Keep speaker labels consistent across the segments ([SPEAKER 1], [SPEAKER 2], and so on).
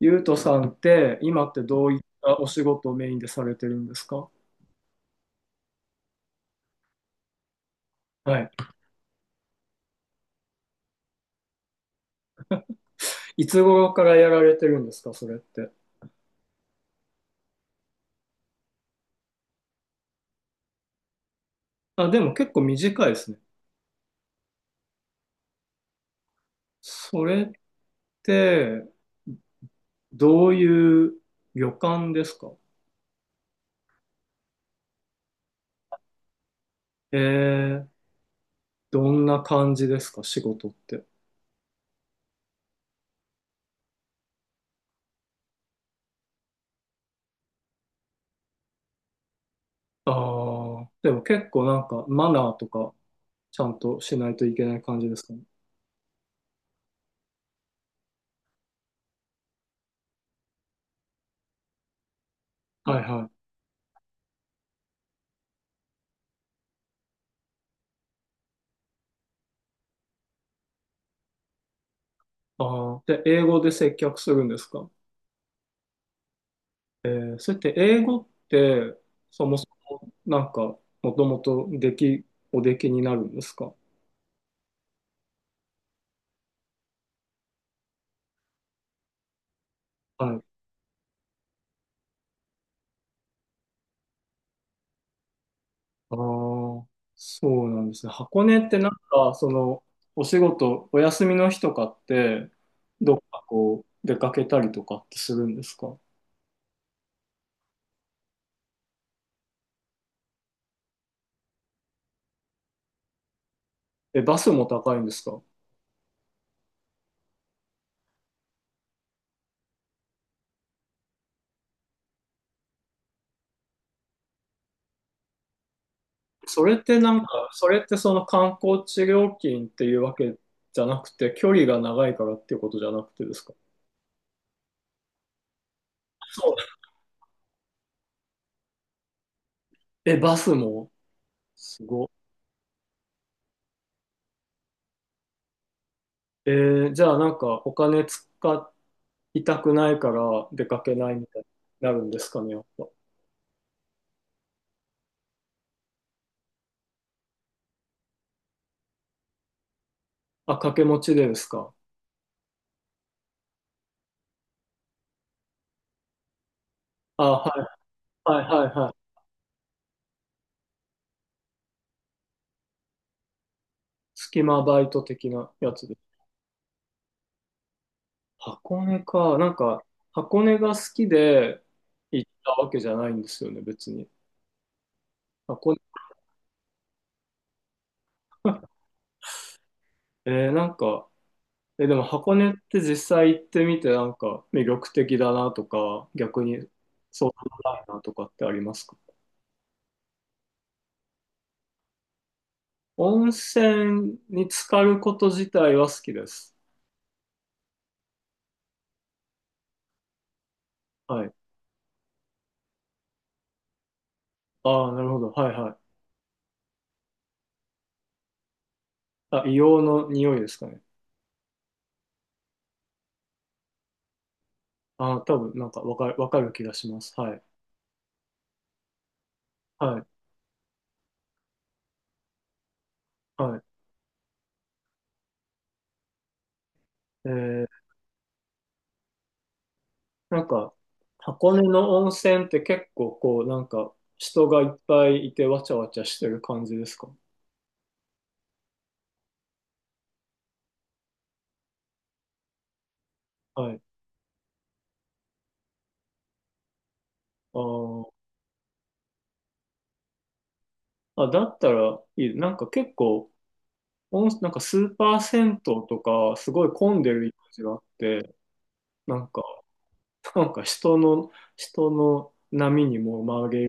[SPEAKER 1] ゆうとさんって今ってどういったお仕事をメインでされてるんですか？はい。いつ頃からやられてるんですかそれって。あ、でも結構短いですね。それってどういう旅館ですか？えー、どんな感じですか仕事って。ああ、でも結構なんかマナーとかちゃんとしないといけない感じですかね。はいはい。ああ、で、英語で接客するんですか？えー、それって英語ってなんか、もともとでき、おできになるんですか？はい。ああ、そうなんですね。箱根ってなんか、その、お仕事、お休みの日とかって、どっかこう、出かけたりとかってするんですか？え、バスも高いんですか？それってなんか、それってその観光地料金っていうわけじゃなくて、距離が長いからっていうことじゃなくてですか？そう。え、バスもすごい。えーじゃあなんかお金使っ痛くないから出かけないみたいになるんですかね、やっぱ。あ、掛け持ちでですか。あ、はいはいはいはい。隙間バイト的なやつです。箱根か。なんか、箱根が好きで行ったわけじゃないんですよね、別に。箱根、えーなんか、え、でも箱根って実際行ってみて、なんか魅力的だなとか、逆にそうでもないなとかってありますか？温泉に浸かること自体は好きです。はい。ああ、なるほど。はいはい。あ、硫黄の匂いですかね。あ、多分なんかわかる、わかる気がします。はい。はい。はい。えー、なんか、箱根の温泉って結構こう、なんか、人がいっぱいいてわちゃわちゃしてる感じですか？はい。あーあ、だったらいい。なんか結構、温なんかスーパー銭湯とか、すごい混んでるイメージがあって、なんか、なんか人の、人の波にも紛れ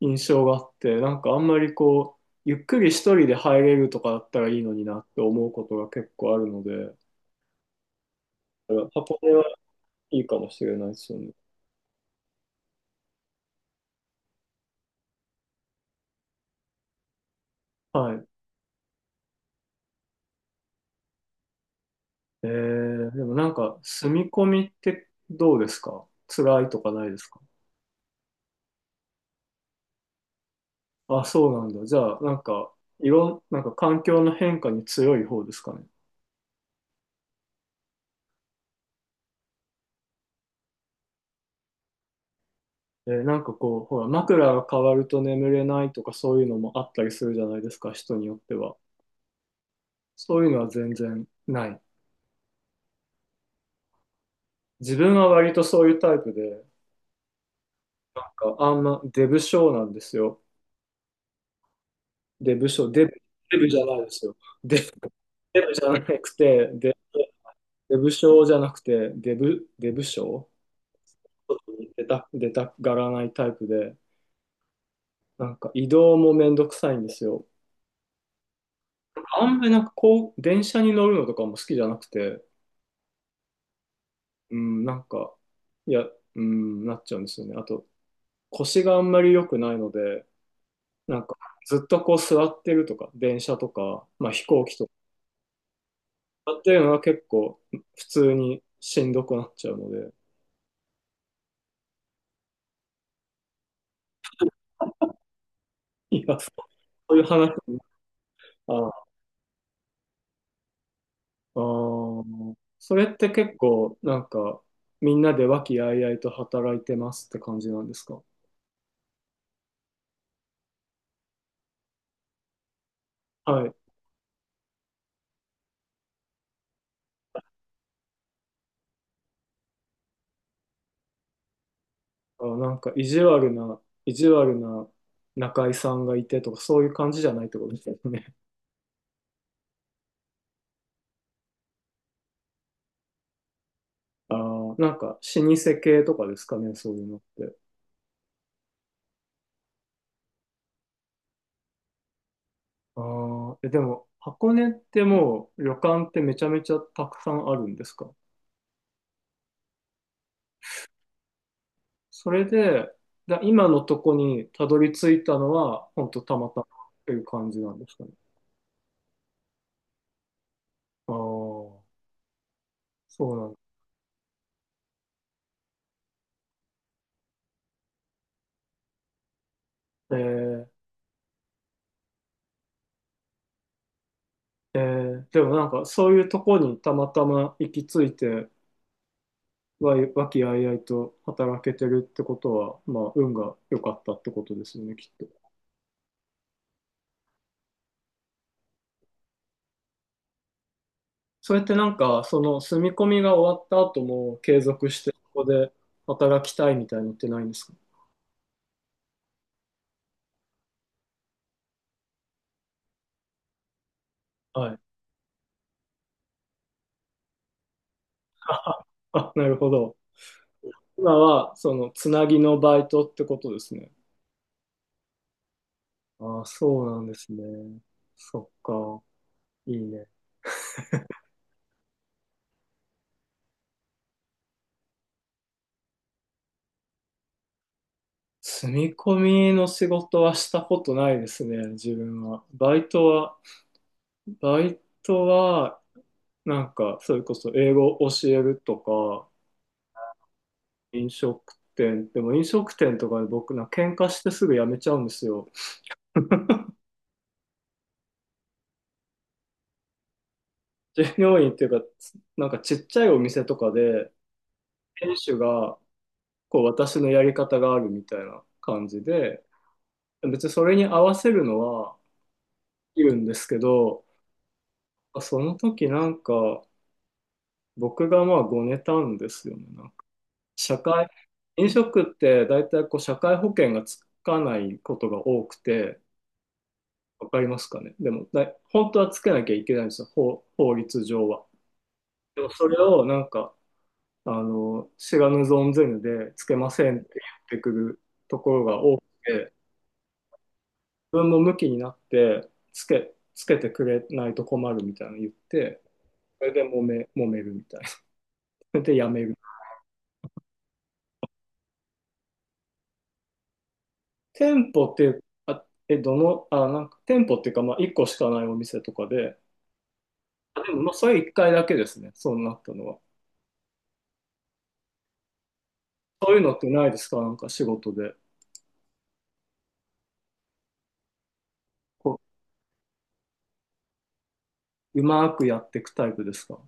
[SPEAKER 1] 印象があって、なんかあんまりこう、ゆっくり一人で入れるとかだったらいいのになって思うことが結構あるので、箱根はいいかもしれないですよね。はい。えー、でもなんか、住み込みってどうですか、辛いとかないですか？あ、そうなんだ。じゃあ、なんか、いろん、なんか環境の変化に強い方ですかね。えー、なんかこう、ほら、枕が変わると眠れないとかそういうのもあったりするじゃないですか、人によっては。そういうのは全然ない。自分は割とそういうタイプで、なんかあんまデブ症なんですよ。デブ症、デブ、デブじゃないですよ。デブ、デブじゃなくて、デブ、デブ症じゃなくて、デブ、デブ症出た、出たがらないタイプで、なんか移動もめんどくさいんですよ。あんまりなんかこう、電車に乗るのとかも好きじゃなくて、うん、なんか、いや、うん、なっちゃうんですよね。あと、腰があんまり良くないので、なんか、ずっとこう座ってるとか、電車とか、まあ飛行機とか、座ってるのは結構普通にしんどくなっちゃうので、いや、そういう話に、ああー、それって結構、なんか、みんなで和気あいあいと働いてますって感じなんですか？はい。あ、なんか、意地悪な、意地悪な中居さんがいてとか、そういう感じじゃないってことですよね。ああ、なんか、老舗系とかですかね、そういうのって。ああ、え、でも、箱根ってもう旅館ってめちゃめちゃたくさんあるんですか？それで、だ今のとこにたどり着いたのは、ほんとたまたまっていう感じなんですかね。ああ、そうなんだ。えー、えーでもなんかそういうとこにたまたま行き着いて、わい、和気あいあいと働けてるってことは、まあ、運が良かったってことですよね、きっと。それってなんか、その住み込みが終わった後も継続してここで働きたいみたいのってないんですか？はい。あ、なるほど。今は、その、つなぎのバイトってことですね。ああ、そうなんですね。そっか。いいね。住み込みの仕事はしたことないですね、自分は。バイトは、バイトは、なんか、それこそ英語を教えるとか、飲食店、でも飲食店とかで僕な、喧嘩してすぐ辞めちゃうんですよ。従業員っていうか、なんかちっちゃいお店とかで、店主がこう私のやり方があるみたいな感じで、別にそれに合わせるのはいるんですけど、その時なんか僕がまあごねたんですよね。なんか社会、飲食って大体こう社会保険がつかないことが多くて、わかりますかね。でも、だい本当はつけなきゃいけないんですよ、法、法律上は。でもそれをなんかあの、知らぬ存ぜぬでつけませんって言ってくるところが多くて、自分も向きになってつけ、つけてくれないと困るみたいなの言って、それで揉め、揉めるみたいな。それでやめる。店舗って、あ、え、どの、あ、なんか店舗っていうか、まあ1個しかないお店とかで、あでもまあそれ1回だけですね、そうなったのは。そういうのってないですかなんか仕事で。こう、うまくやっていくタイプですか？